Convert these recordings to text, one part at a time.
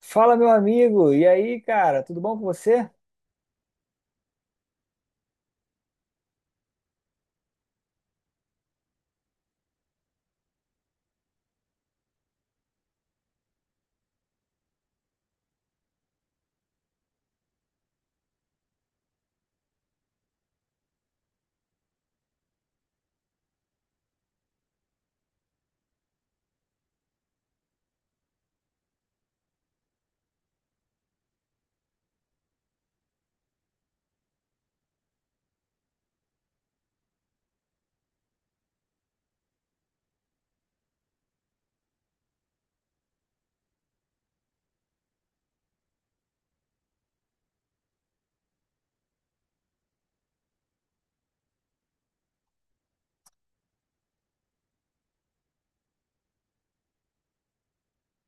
Fala, meu amigo. E aí, cara, tudo bom com você?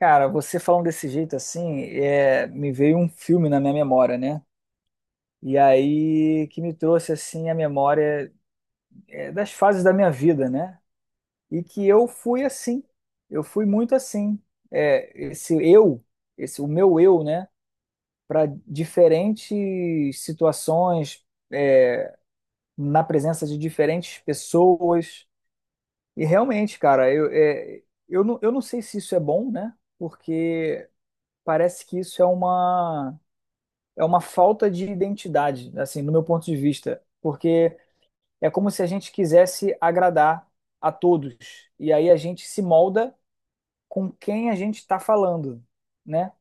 Cara, você falando desse jeito assim, me veio um filme na minha memória, né? E aí que me trouxe assim a memória das fases da minha vida, né? E que eu fui assim, eu fui muito assim. Esse eu, esse o meu eu, né? Para diferentes situações, é, na presença de diferentes pessoas. E realmente, cara, eu não sei se isso é bom, né? Porque parece que isso é uma falta de identidade, assim, no meu ponto de vista. Porque é como se a gente quisesse agradar a todos. E aí a gente se molda com quem a gente está falando, né?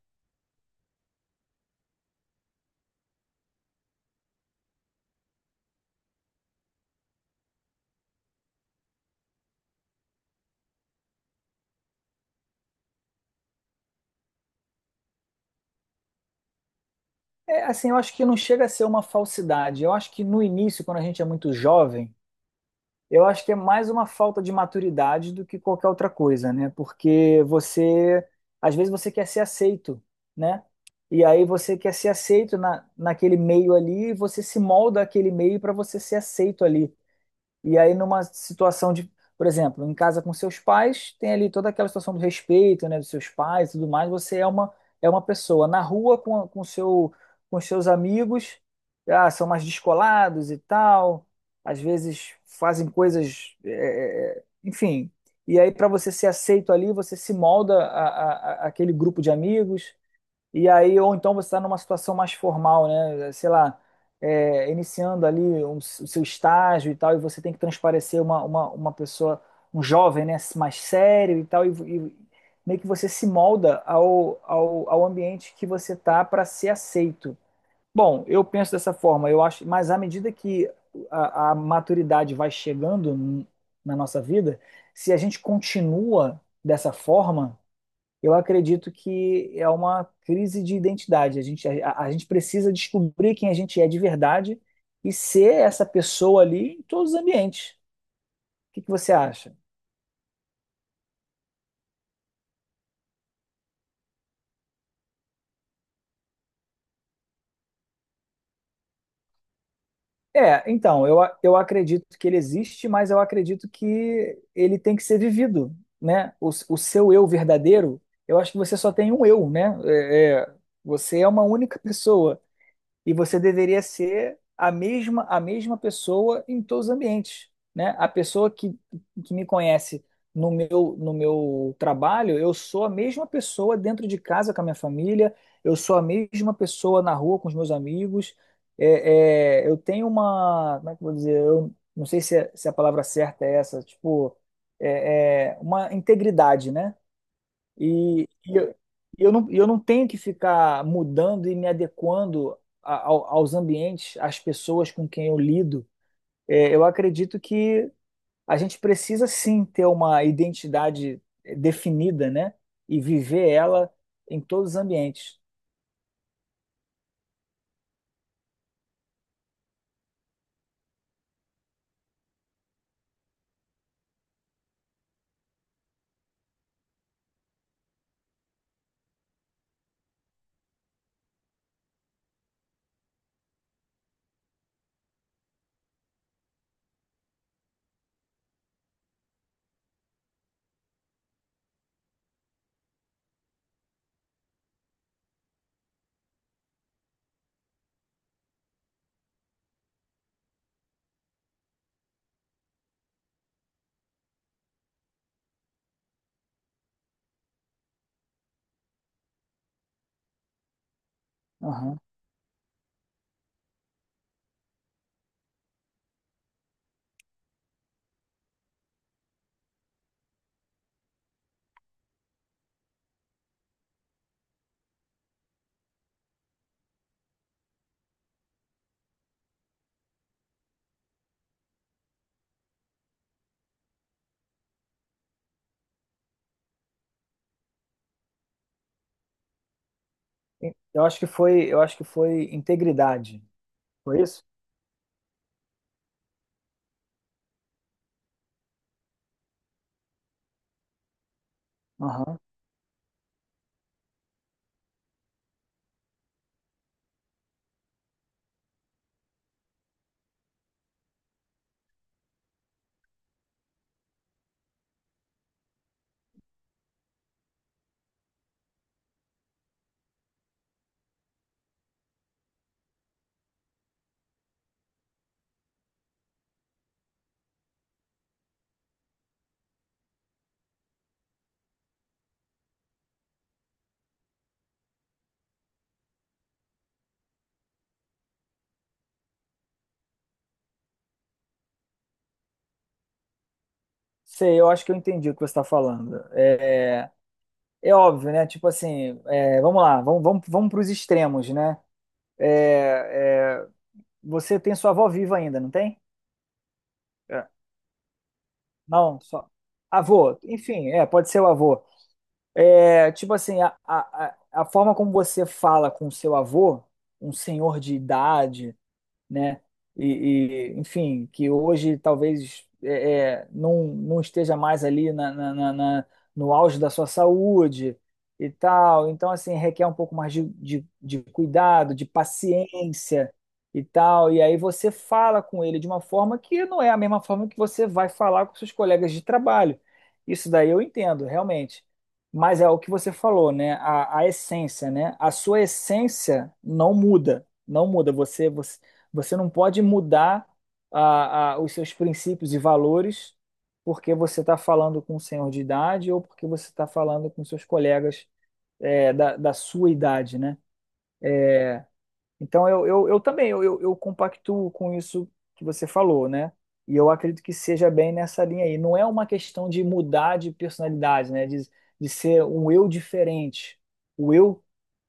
É, assim, eu acho que não chega a ser uma falsidade. Eu acho que no início, quando a gente é muito jovem, eu acho que é mais uma falta de maturidade do que qualquer outra coisa, né? Porque você, às vezes você quer ser aceito, né? E aí você quer ser aceito naquele meio ali, e você se molda aquele meio para você ser aceito ali. E aí, numa situação de, por exemplo, em casa com seus pais, tem ali toda aquela situação do respeito, né, dos seus pais e tudo mais, é uma pessoa. Na rua, com os seus amigos, ah, são mais descolados e tal, às vezes fazem coisas, enfim. E aí, para você ser aceito ali, você se molda a- aquele grupo de amigos. E aí, ou então você está numa situação mais formal, né? Sei lá, iniciando ali o seu estágio e tal, e você tem que transparecer uma pessoa, um jovem, né? Mais sério e tal, e meio que você se molda ao ambiente que você tá para ser aceito. Bom, eu penso dessa forma, eu acho, mas à medida que a maturidade vai chegando na nossa vida, se a gente continua dessa forma, eu acredito que é uma crise de identidade. A gente precisa descobrir quem a gente é de verdade e ser essa pessoa ali em todos os ambientes. O que que você acha? É, então, eu acredito que ele existe, mas eu acredito que ele tem que ser vivido, né? O seu eu verdadeiro, eu acho que você só tem um eu, né? Você é uma única pessoa. E você deveria ser a mesma pessoa em todos os ambientes, né? Que me conhece no meu trabalho, eu sou a mesma pessoa dentro de casa com a minha família, eu sou a mesma pessoa na rua com os meus amigos. Eu tenho uma, como é que eu vou dizer? Eu não sei se, se é a palavra certa é essa, tipo, é uma integridade, né? E, e eu, e eu não tenho que ficar mudando e me adequando aos ambientes, às pessoas com quem eu lido. É, eu acredito que a gente precisa sim ter uma identidade, definida, né? E viver ela em todos os ambientes. Aham. Eu acho que foi integridade. Foi isso? Aham. Sei, eu acho que eu entendi o que você está falando. É, é óbvio, né? Tipo assim, é, vamos lá, vamos para os extremos, né? É, é, você tem sua avó viva ainda, não tem? É. Não, só. Avô, enfim, é, pode ser o avô. É, tipo assim, a forma como você fala com o seu avô, um senhor de idade, né? Enfim, que hoje talvez não, não esteja mais ali no auge da sua saúde e tal. Então, assim, requer um pouco mais de cuidado, de paciência e tal. E aí você fala com ele de uma forma que não é a mesma forma que você vai falar com seus colegas de trabalho. Isso daí eu entendo, realmente. Mas é o que você falou, né? A essência, né? A sua essência não muda, não muda. Você não pode mudar os seus princípios e valores porque você está falando com um senhor de idade ou porque você está falando com seus colegas da sua idade, né? Então, eu também, eu compactuo com isso que você falou, né? E eu acredito que seja bem nessa linha aí. Não é uma questão de mudar de personalidade, né? De ser um eu diferente. O eu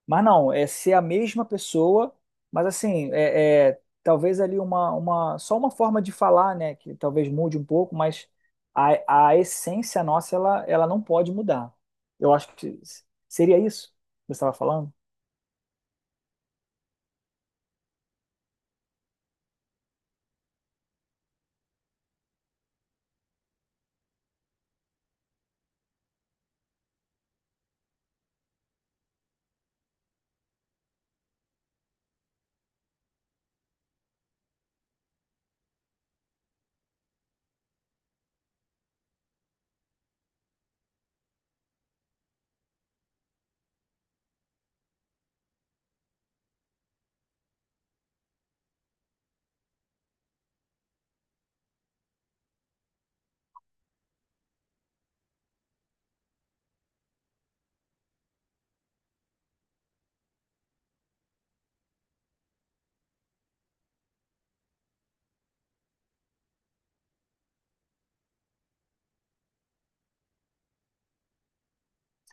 mas não, é ser a mesma pessoa, mas assim, talvez ali só uma forma de falar, né, que talvez mude um pouco, mas a essência nossa, ela não pode mudar. Eu acho que seria isso que você estava falando?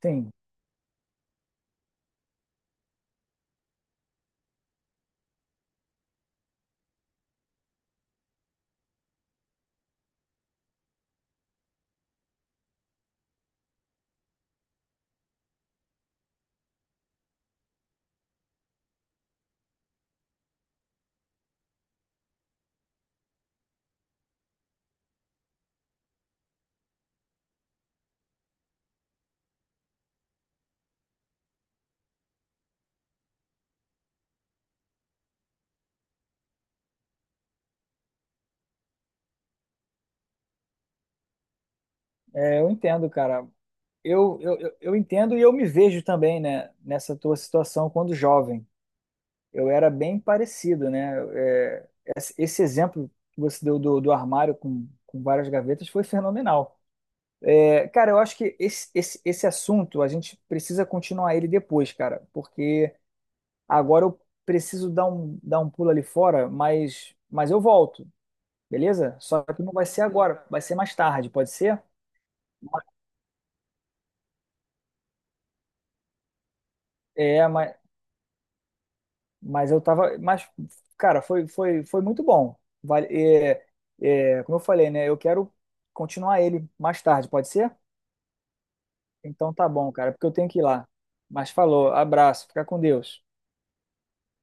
Sim, é, eu entendo, cara. Eu entendo e eu me vejo também, né, nessa tua situação quando jovem. Eu era bem parecido, né? É, esse exemplo que você deu do armário com várias gavetas foi fenomenal. Cara, eu acho que esse assunto a gente precisa continuar ele depois, cara, porque agora eu preciso dar um pulo ali fora, mas eu volto, beleza? Só que não vai ser agora, vai ser mais tarde, pode ser? É, mas eu tava. Mas, cara, foi muito bom. Vale, é, como eu falei, né? Eu quero continuar ele mais tarde, pode ser? Então tá bom, cara, porque eu tenho que ir lá. Mas falou, abraço, fica com Deus.